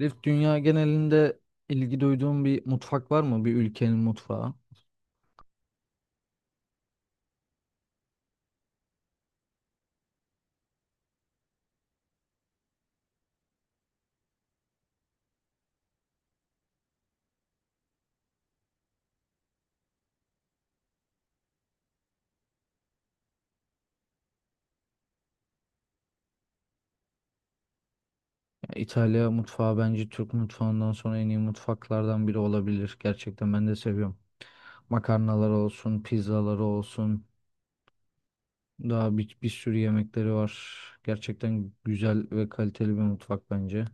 Elif, dünya genelinde ilgi duyduğun bir mutfak var mı? Bir ülkenin mutfağı. Ya İtalya mutfağı bence Türk mutfağından sonra en iyi mutfaklardan biri olabilir. Gerçekten ben de seviyorum. Makarnalar olsun, pizzaları olsun. Daha bir sürü yemekleri var. Gerçekten güzel ve kaliteli bir mutfak bence.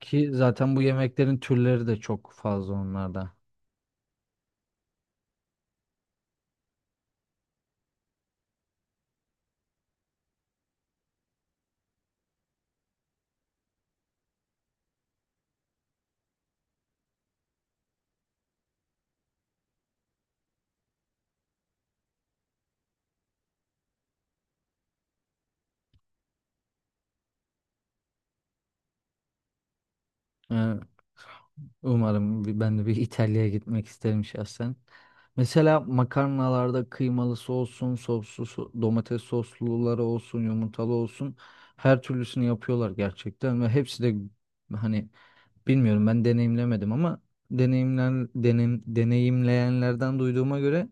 Ki zaten bu yemeklerin türleri de çok fazla onlarda. Yani umarım ben de bir İtalya'ya gitmek isterim şahsen. Mesela makarnalarda kıymalısı olsun, soslu, domates sosluları olsun, yumurtalı olsun. Her türlüsünü yapıyorlar gerçekten ve hepsi de hani bilmiyorum, ben deneyimlemedim ama deneyimleyenlerden duyduğuma göre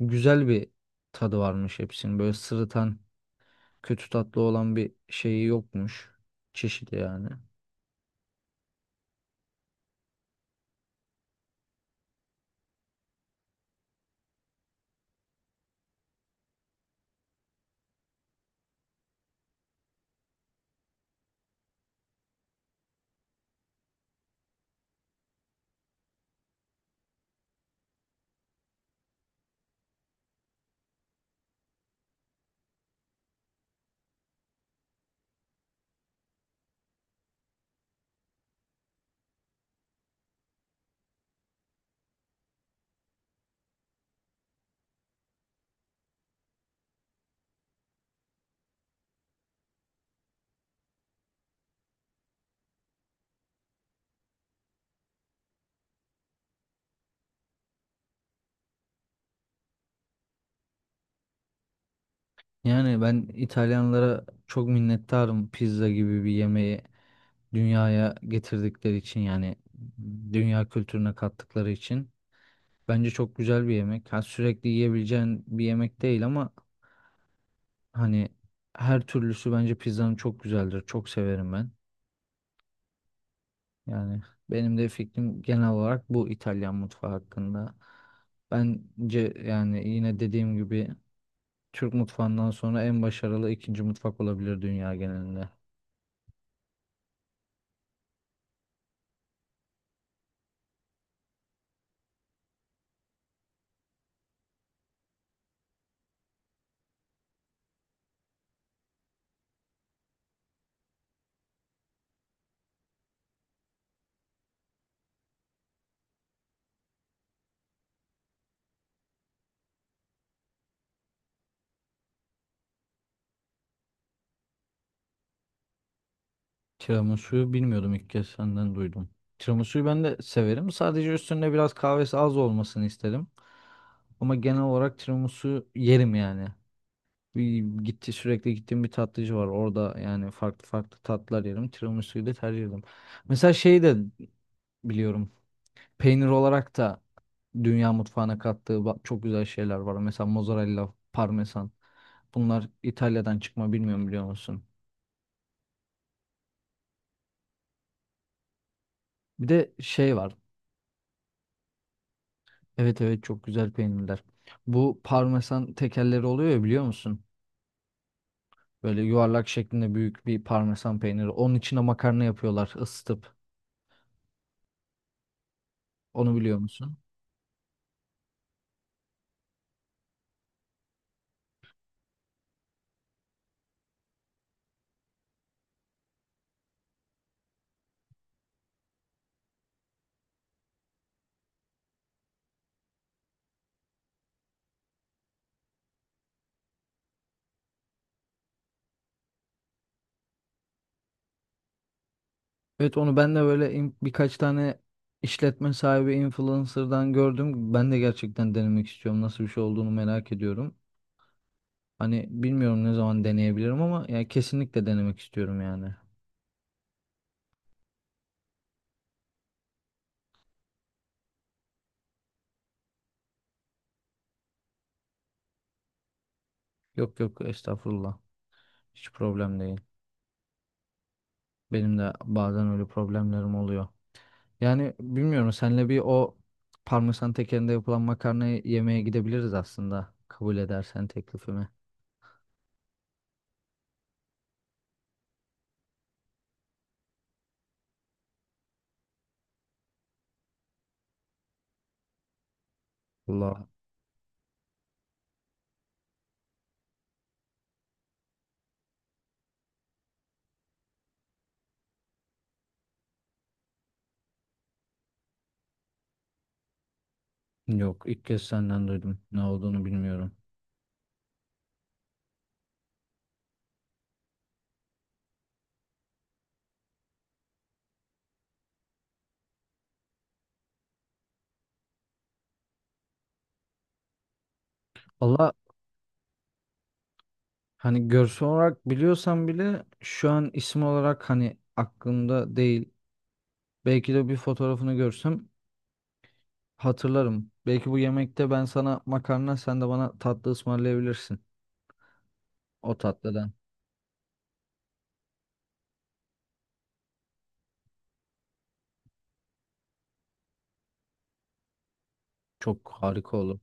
güzel bir tadı varmış hepsinin. Böyle sırıtan, kötü tatlı olan bir şeyi yokmuş. Çeşidi yani. Yani ben İtalyanlara çok minnettarım pizza gibi bir yemeği dünyaya getirdikleri için, yani dünya kültürüne kattıkları için. Bence çok güzel bir yemek. Ha, sürekli yiyebileceğin bir yemek değil ama hani her türlüsü bence pizzanın çok güzeldir. Çok severim ben. Yani benim de fikrim genel olarak bu İtalyan mutfağı hakkında. Bence yani yine dediğim gibi Türk mutfağından sonra en başarılı ikinci mutfak olabilir dünya genelinde. Tiramisu'yu bilmiyordum, ilk kez senden duydum. Tiramisu'yu ben de severim. Sadece üstünde biraz kahvesi az olmasını isterim. Ama genel olarak tiramisu yerim yani. Bir gitti sürekli gittiğim bir tatlıcı var. Orada yani farklı farklı tatlar yerim. Tiramisu'yu da tercih ederim. Mesela şeyi de biliyorum. Peynir olarak da dünya mutfağına kattığı çok güzel şeyler var. Mesela mozzarella, parmesan. Bunlar İtalya'dan çıkma, bilmiyorum biliyor musun? Bir de şey var. Evet evet, çok güzel peynirler. Bu parmesan tekerleri oluyor ya, biliyor musun? Böyle yuvarlak şeklinde büyük bir parmesan peyniri. Onun içine makarna yapıyorlar ısıtıp. Onu biliyor musun? Evet, onu ben de böyle birkaç tane işletme sahibi influencer'dan gördüm. Ben de gerçekten denemek istiyorum. Nasıl bir şey olduğunu merak ediyorum. Hani bilmiyorum ne zaman deneyebilirim ama yani kesinlikle denemek istiyorum yani. Yok yok, estağfurullah. Hiç problem değil. Benim de bazen öyle problemlerim oluyor. Yani bilmiyorum, senle bir o parmesan tekerinde yapılan makarnayı yemeye gidebiliriz aslında. Kabul edersen teklifimi. Allah, yok ilk kez senden duydum. Ne olduğunu bilmiyorum. Allah, hani görsel olarak biliyorsam bile şu an isim olarak hani aklımda değil. Belki de bir fotoğrafını görsem hatırlarım. Belki bu yemekte ben sana makarna, sen de bana tatlı ısmarlayabilirsin. O tatlıdan. Çok harika olur.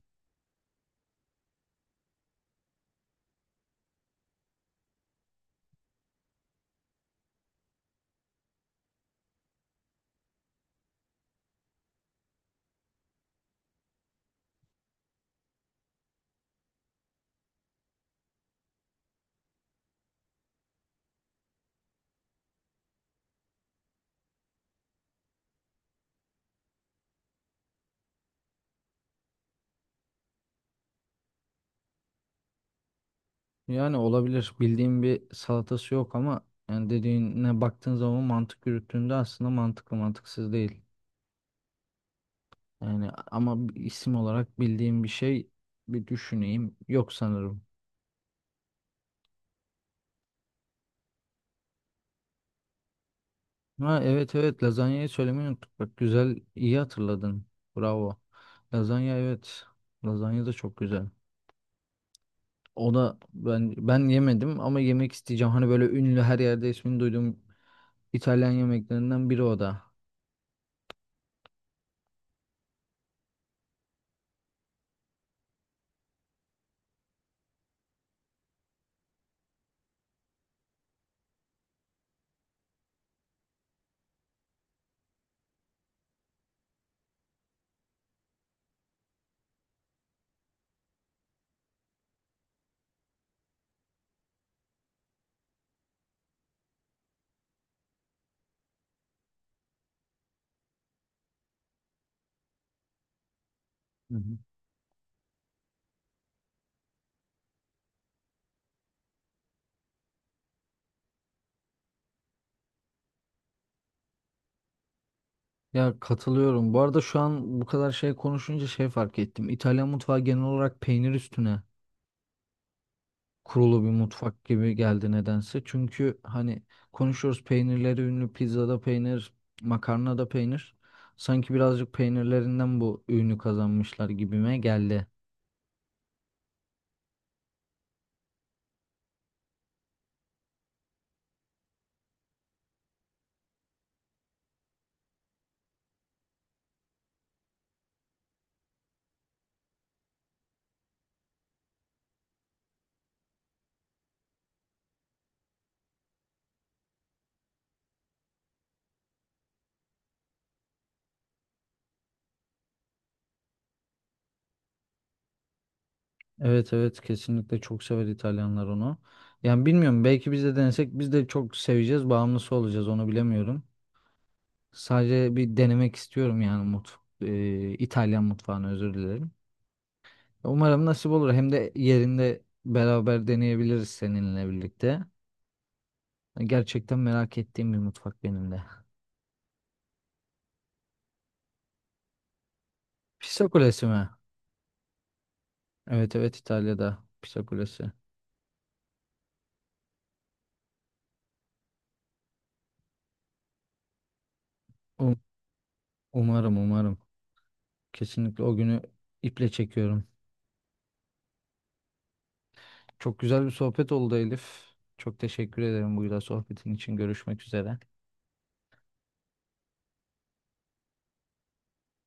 Yani olabilir. Bildiğim bir salatası yok ama yani dediğine baktığın zaman mantık yürüttüğünde aslında mantıklı, mantıksız değil. Yani ama bir isim olarak bildiğim bir şey, bir düşüneyim. Yok sanırım. Ha evet evet, lazanyayı söylemeyi unuttuk. Bak güzel, iyi hatırladın. Bravo. Lazanya evet. Lazanya da çok güzel. O da ben yemedim ama yemek isteyeceğim. Hani böyle ünlü, her yerde ismini duyduğum İtalyan yemeklerinden biri o da. Hı hı. Ya katılıyorum. Bu arada şu an bu kadar şey konuşunca şey fark ettim. İtalyan mutfağı genel olarak peynir üstüne kurulu bir mutfak gibi geldi nedense. Çünkü hani konuşuyoruz, peynirleri ünlü, pizzada peynir, makarnada peynir. Sanki birazcık peynirlerinden bu ünü kazanmışlar gibime geldi. Evet evet, kesinlikle çok sever İtalyanlar onu. Yani bilmiyorum, belki biz de denesek biz de çok seveceğiz, bağımlısı olacağız, onu bilemiyorum. Sadece bir denemek istiyorum yani mutfak, İtalyan mutfağını, özür dilerim. Umarım nasip olur. Hem de yerinde beraber deneyebiliriz seninle birlikte. Gerçekten merak ettiğim bir mutfak benim de. Pisa Kulesi mi? Evet evet, İtalya'da Pisa Kulesi. Um- Umarım, umarım. Kesinlikle o günü iple çekiyorum. Çok güzel bir sohbet oldu Elif. Çok teşekkür ederim bu güzel sohbetin için. Görüşmek üzere.